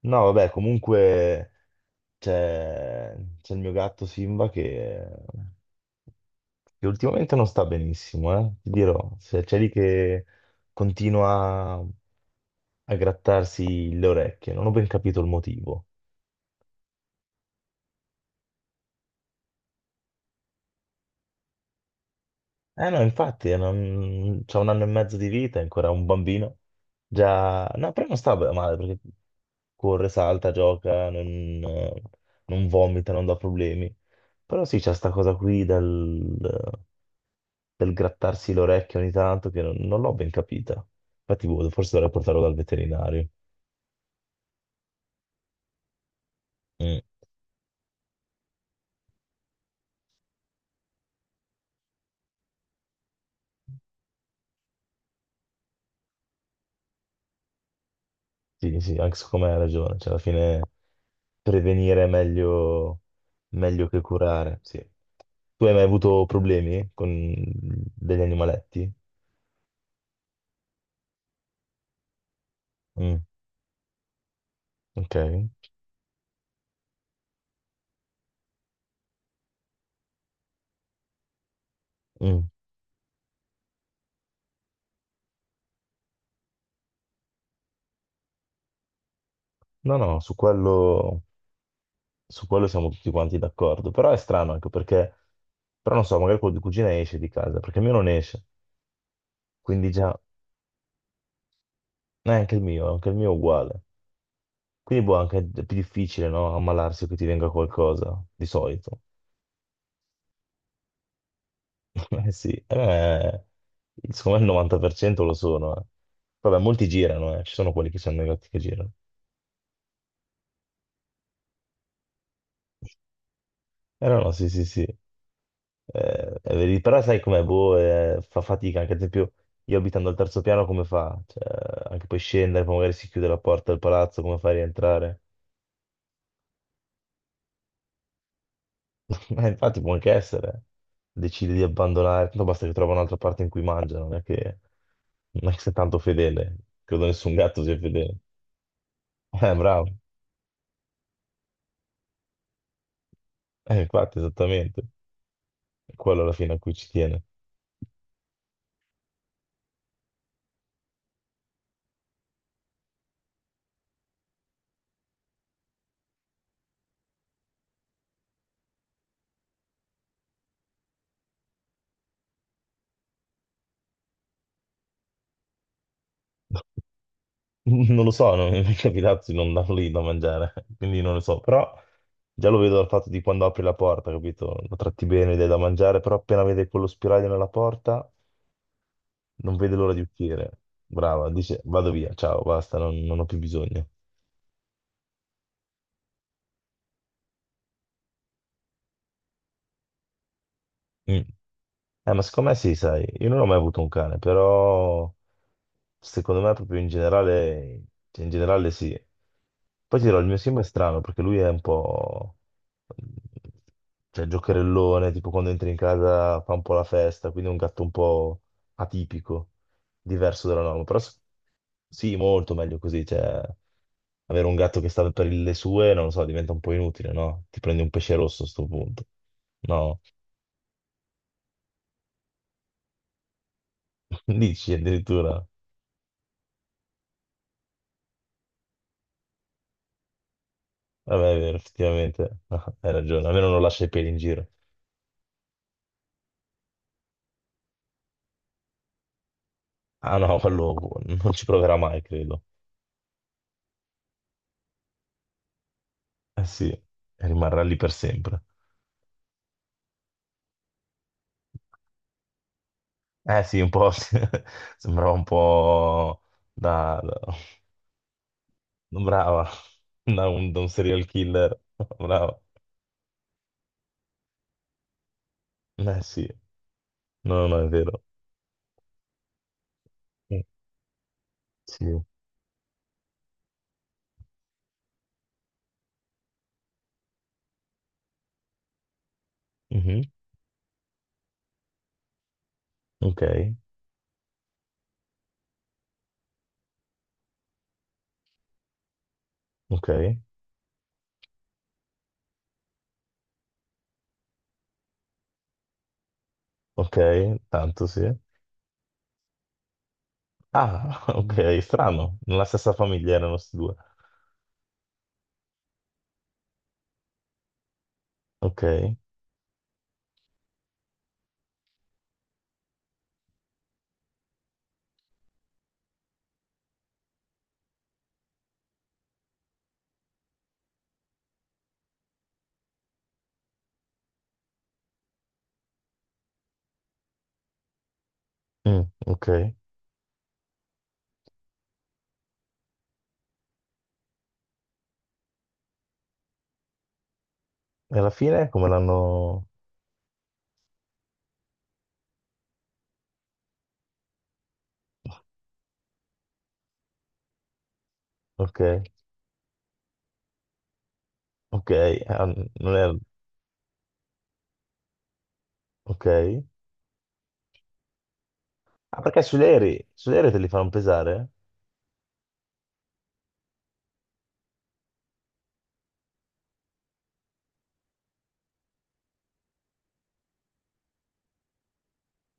No, vabbè, comunque c'è c'è il mio gatto Simba che ultimamente non sta benissimo, eh? Ti dirò, se c'è lì che continua a grattarsi le orecchie, non ho ben capito il motivo. Eh no, infatti, non... c'ha un anno e mezzo di vita, è ancora un bambino, già. No, però non sta male perché corre, salta, gioca, eh, non vomita, non dà problemi. Però sì, c'è sta cosa qui del grattarsi l'orecchio ogni tanto, che non l'ho ben capita. Infatti, boh, forse dovrei portarlo dal veterinario. Mm. Sì, sì, anche secondo me hai ragione. Cioè, alla fine prevenire è meglio che curare, sì. Tu hai mai avuto problemi con degli animaletti? Mm, ok. Mm. No, no, su quello siamo tutti quanti d'accordo. Però è strano anche perché, però non so, magari quello di cugina esce di casa, perché il mio non esce. Quindi già, anche il mio è uguale. Quindi boh, anche più difficile, no? Ammalarsi o che ti venga qualcosa, di solito. Eh sì, secondo me il 90% lo sono. Eh. Vabbè, molti girano, eh. Ci sono quelli che sono negati che girano. Eh no, no, sì, sì, sì. Però sai com'è, boh, fa fatica, anche ad esempio io abitando al terzo piano come fa? Cioè, anche poi scendere, poi magari si chiude la porta del palazzo, come fa a rientrare? Infatti può anche essere, decide di abbandonare, tanto basta che trova un'altra parte in cui mangia, non è che sia tanto fedele, credo nessun gatto sia fedele. Bravo, infatti esattamente, è quello alla fine a cui ci tiene. Non lo so, non mi è mai capitato di non darlo lì da mangiare, quindi non lo so, però già lo vedo dal fatto di quando apri la porta, capito? Lo tratti bene, gli dai da mangiare, però appena vede quello spiraglio nella porta. Non vede l'ora di uscire. Brava, dice vado via, ciao, basta, non ho più bisogno. Mm. Ma secondo me sì, sai, io non ho mai avuto un cane, però secondo me proprio in generale, cioè, in generale sì. Poi ti dirò, il mio Sim è strano perché lui è un po', cioè giocherellone, tipo quando entri in casa fa un po' la festa, quindi è un gatto un po' atipico, diverso dalla norma. Però sì, molto meglio così, cioè avere un gatto che sta per le sue, non lo so, diventa un po' inutile, no? Ti prendi un pesce rosso a sto punto. No, dici addirittura. Vabbè, è vero, effettivamente, hai ragione, almeno non lascia i peli in giro. Ah no, quello non ci proverà mai, credo. Eh sì, rimarrà lì per sempre. Eh sì, un po' sì. Sembrava un po' da... da- brava, da un serial killer. Brava. Eh sì, no, no, no, è vero. Mm, sì. Mhm. Ok, ok, ok, tanto sì. Ah, ok, strano, nella stessa famiglia erano questi due. Ok, mm, ok. E alla fine come l'hanno. Ok, ok, ah, non era. Ok. Ah, perché sugli aerei te li fanno pesare?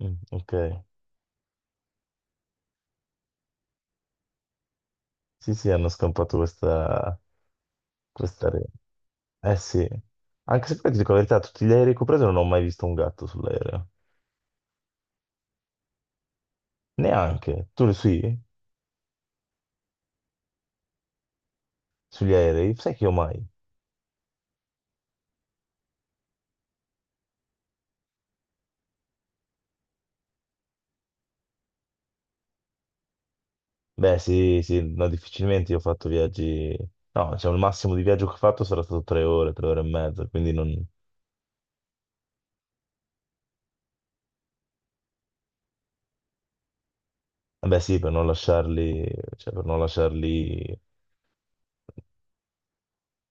Mm, ok. Sì, sì, hanno scampato questa regola. Eh sì. Anche se poi ti dico la verità, tutti gli aerei che ho preso non ho mai visto un gatto sull'aereo. Neanche. Tu lo sì? Sugli aerei? Sai che io mai? Beh, sì, sì, no, difficilmente io ho fatto viaggi. No, diciamo, il massimo di viaggio che ho fatto sarà stato tre ore e mezza, quindi non. Vabbè sì, per non lasciarli, cioè per non lasciarli,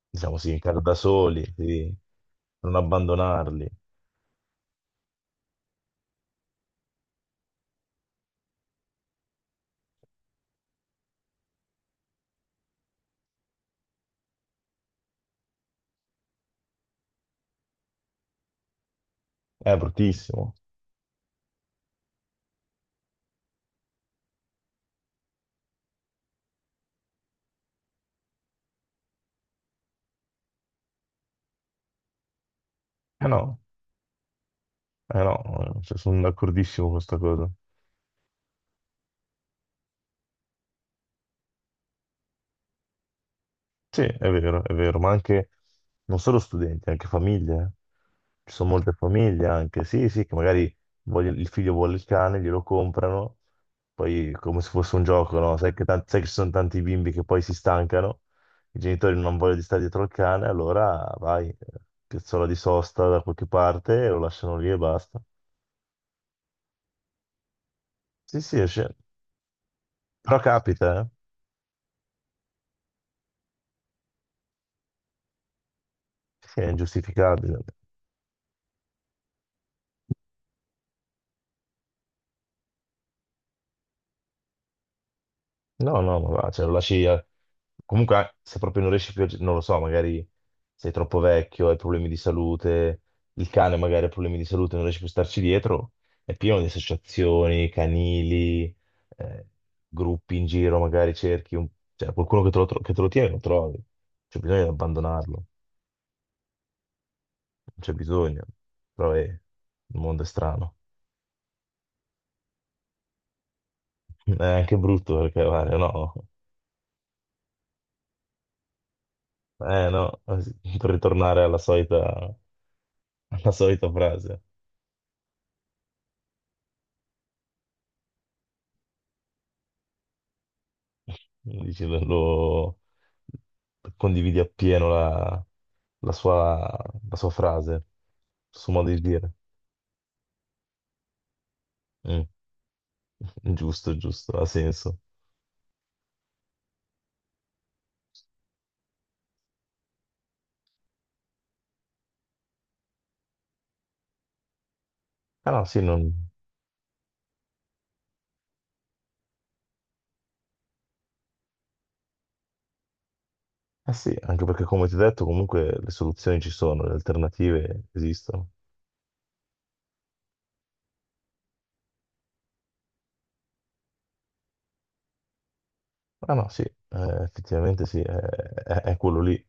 diciamo sì, in casa da soli, sì, per non abbandonarli. È bruttissimo. Eh no, eh no, cioè, sono d'accordissimo con questa cosa. Sì, è vero, ma anche non solo studenti, anche famiglie. Eh. Ci sono molte famiglie anche, sì, sì, che magari il figlio vuole il cane, glielo comprano, poi come se fosse un gioco, no? Sai che ci sono tanti bimbi che poi si stancano, i genitori non vogliono di stare dietro al cane, allora vai, piazzola di sosta da qualche parte, lo lasciano lì e basta. Sì, sì, esce. Però capita, eh? Sì, è ingiustificabile. No, no, ma va, cioè, lo lasci. Comunque, se proprio non riesci più, non lo so, magari sei troppo vecchio, hai problemi di salute, il cane magari ha problemi di salute, non riesci più a starci dietro, è pieno di associazioni, canili, eh, gruppi in giro, magari cerchi cioè, qualcuno che che te lo tiene, lo trovi. C'è bisogno di abbandonarlo, non c'è bisogno. Però il mondo è strano. È anche brutto perché, guarda, no, eh no, per ritornare alla solita frase. Dici, condividi appieno la sua, la sua frase, il suo modo di dire. Mm, giusto, giusto, ha senso. Ah no, sì, non. Eh sì, anche perché come ti ho detto, comunque le soluzioni ci sono, le alternative esistono. Ah no, sì, effettivamente sì, è quello lì,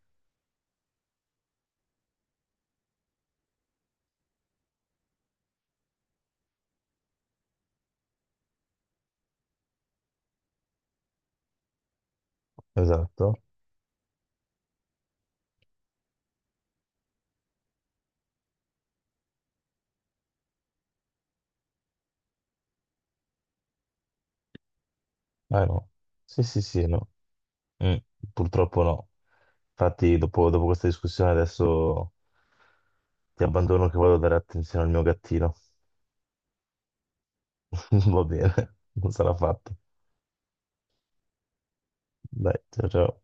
esatto. Ah no, sì, sì, sì, no. Mm, purtroppo no. Infatti, dopo questa discussione, adesso ti abbandono che vado a dare attenzione al mio gattino. Va bene, non sarà fatto. Dai, ciao ciao.